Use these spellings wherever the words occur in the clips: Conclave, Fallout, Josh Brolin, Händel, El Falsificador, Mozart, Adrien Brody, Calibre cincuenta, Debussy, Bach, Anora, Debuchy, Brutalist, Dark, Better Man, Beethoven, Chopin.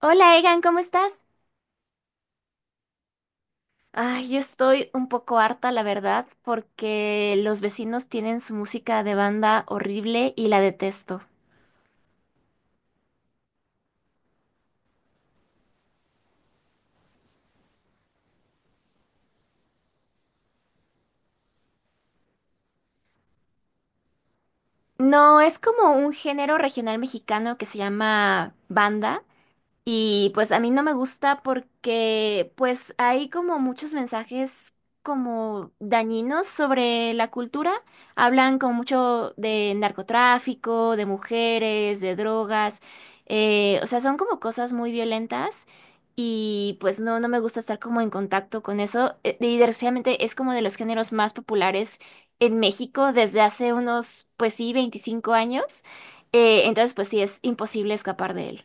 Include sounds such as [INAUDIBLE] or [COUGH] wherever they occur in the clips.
Hola Egan, ¿cómo estás? Ay, yo estoy un poco harta, la verdad, porque los vecinos tienen su música de banda horrible y la detesto. No, es como un género regional mexicano que se llama banda. Y pues a mí no me gusta porque pues hay como muchos mensajes como dañinos sobre la cultura. Hablan como mucho de narcotráfico, de mujeres, de drogas. O sea, son como cosas muy violentas y pues no, no me gusta estar como en contacto con eso. Y desgraciadamente es como de los géneros más populares en México desde hace unos, pues sí, 25 años. Entonces pues sí, es imposible escapar de él.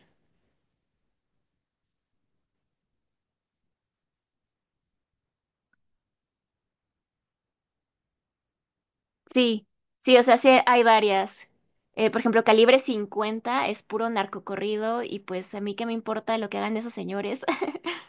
Sí, sí, o sea, sí hay varias. Por ejemplo, Calibre cincuenta es puro narcocorrido y pues a mí qué me importa lo que hagan esos señores. [LAUGHS]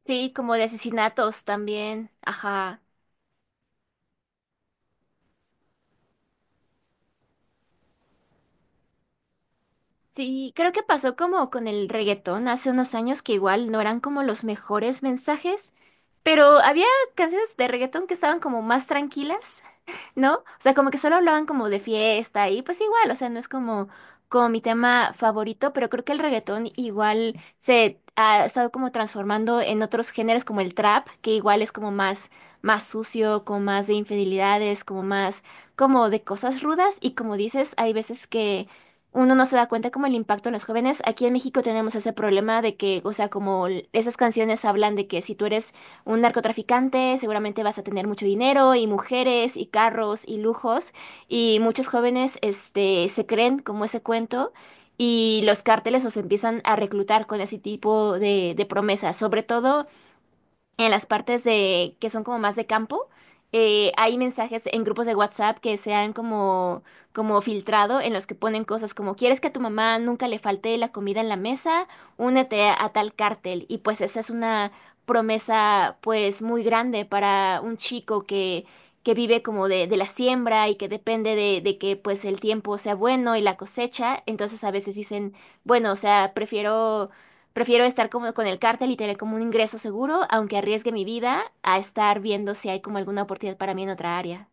Sí, como de asesinatos también. Ajá. Sí, creo que pasó como con el reggaetón hace unos años que igual no eran como los mejores mensajes, pero había canciones de reggaetón que estaban como más tranquilas, ¿no? O sea, como que solo hablaban como de fiesta y pues igual, o sea, no es como, como mi tema favorito, pero creo que el reggaetón igual se ha estado como transformando en otros géneros como el trap, que igual es como más, más sucio, como más de infidelidades, como más, como de cosas rudas y como dices, hay veces que. Uno no se da cuenta como el impacto en los jóvenes. Aquí en México tenemos ese problema de que, o sea, como esas canciones hablan de que si tú eres un narcotraficante, seguramente vas a tener mucho dinero y mujeres y carros y lujos. Y muchos jóvenes, este, se creen como ese cuento y los cárteles los empiezan a reclutar con ese tipo de promesas, sobre todo en las partes de que son como más de campo, hay mensajes en grupos de WhatsApp que se han como, como filtrado en los que ponen cosas como ¿quieres que a tu mamá nunca le falte la comida en la mesa? Únete a tal cártel. Y pues esa es una promesa pues muy grande para un chico que vive como de la siembra y que depende de que pues el tiempo sea bueno y la cosecha, entonces a veces dicen, bueno, o sea, Prefiero estar como con el cártel y tener como un ingreso seguro, aunque arriesgue mi vida, a estar viendo si hay como alguna oportunidad para mí en otra área.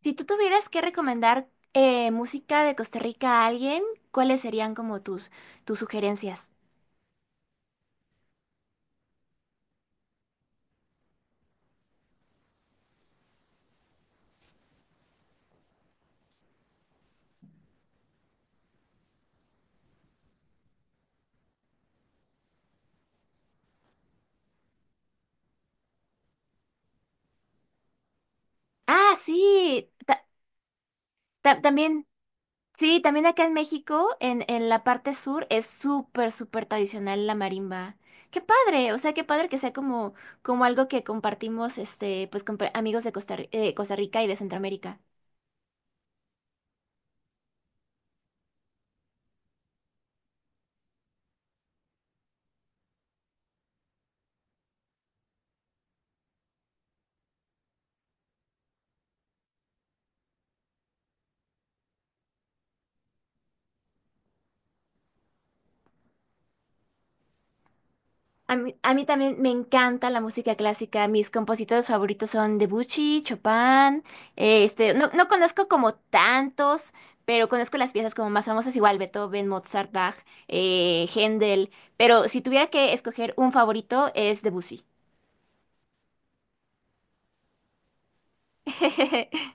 Si tú tuvieras que recomendar música de Costa Rica a alguien, ¿cuáles serían como tus, tus sugerencias? Ah, sí, también, sí, también acá en México, en la parte sur, es súper, súper tradicional la marimba. Qué padre, o sea, qué padre que sea como, como algo que compartimos, este, pues con amigos de Costa Rica y de Centroamérica. A mí también me encanta la música clásica. Mis compositores favoritos son Debuchy, Chopin. No, no conozco como tantos, pero conozco las piezas como más famosas, igual Beethoven, Mozart, Bach, Händel. Pero si tuviera que escoger un favorito es Debussy. [LAUGHS]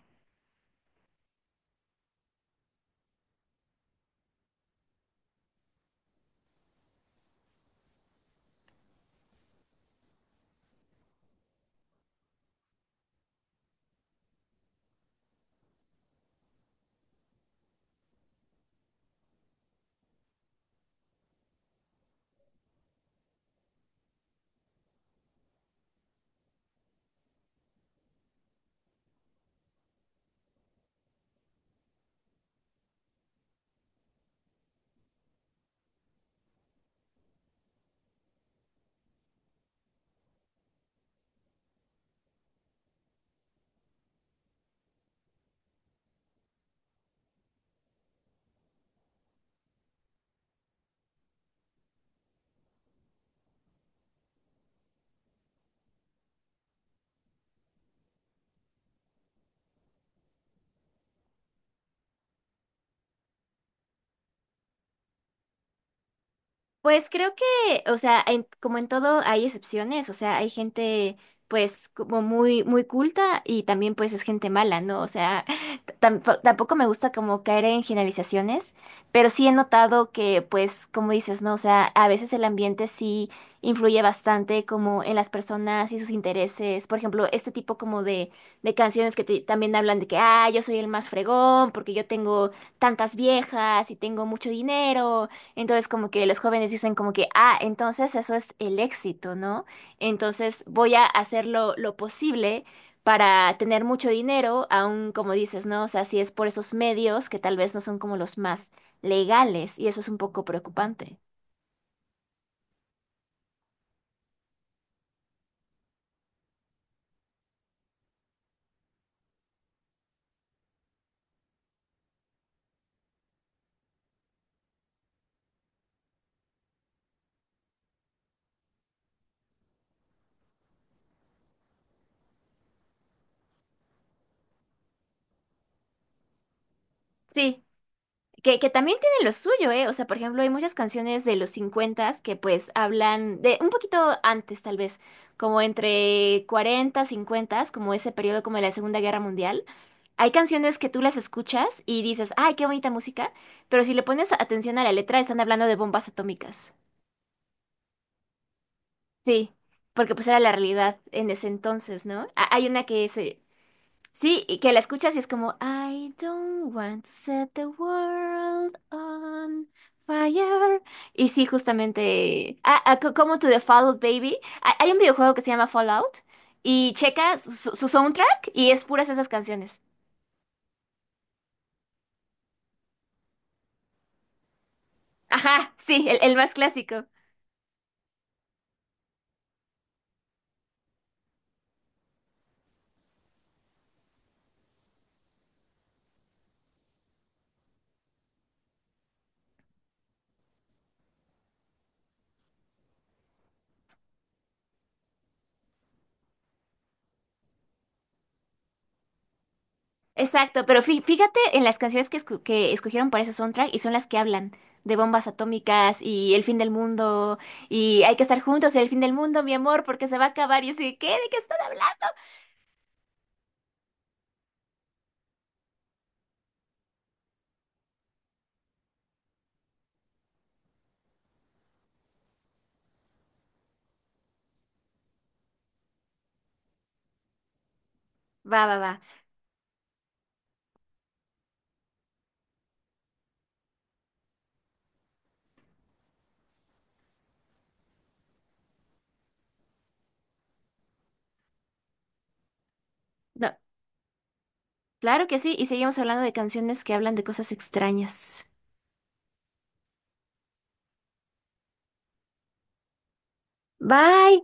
Pues creo que, o sea, como en todo hay excepciones, o sea, hay gente pues como muy muy culta y también pues es gente mala, ¿no? O sea, [LAUGHS] tampoco me gusta como caer en generalizaciones, pero sí he notado que pues como dices, ¿no? O sea, a veces el ambiente sí influye bastante como en las personas y sus intereses, por ejemplo, este tipo como de canciones que también hablan de que, ah, yo soy el más fregón porque yo tengo tantas viejas y tengo mucho dinero. Entonces, como que los jóvenes dicen como que, ah, entonces eso es el éxito, ¿no? Entonces voy a hacer lo posible para tener mucho dinero, aún como dices, ¿no? O sea, si es por esos medios que tal vez no son como los más legales, y eso es un poco preocupante. Sí, que también tienen lo suyo, ¿eh? O sea, por ejemplo, hay muchas canciones de los 50 que pues hablan de un poquito antes, tal vez, como entre 40, 50, como ese periodo como de la Segunda Guerra Mundial. Hay canciones que tú las escuchas y dices, ay, qué bonita música, pero si le pones atención a la letra, están hablando de bombas atómicas. Sí, porque pues era la realidad en ese entonces, ¿no? Hay una que se, sí, y que la escuchas y es como, I don't want to set the world on fire. Y sí, justamente, como To The Fallout Baby, hay un videojuego que se llama Fallout y checa su, su soundtrack y es puras esas canciones. Ajá, sí, el más clásico. Exacto, pero fíjate en las canciones que, que escogieron para ese soundtrack y son las que hablan de bombas atómicas y el fin del mundo y hay que estar juntos en el fin del mundo, mi amor, porque se va a acabar. Y yo sé, ¿qué? ¿De qué están hablando? Va, va, va. No, claro que sí, y seguimos hablando de canciones que hablan de cosas extrañas. Bye.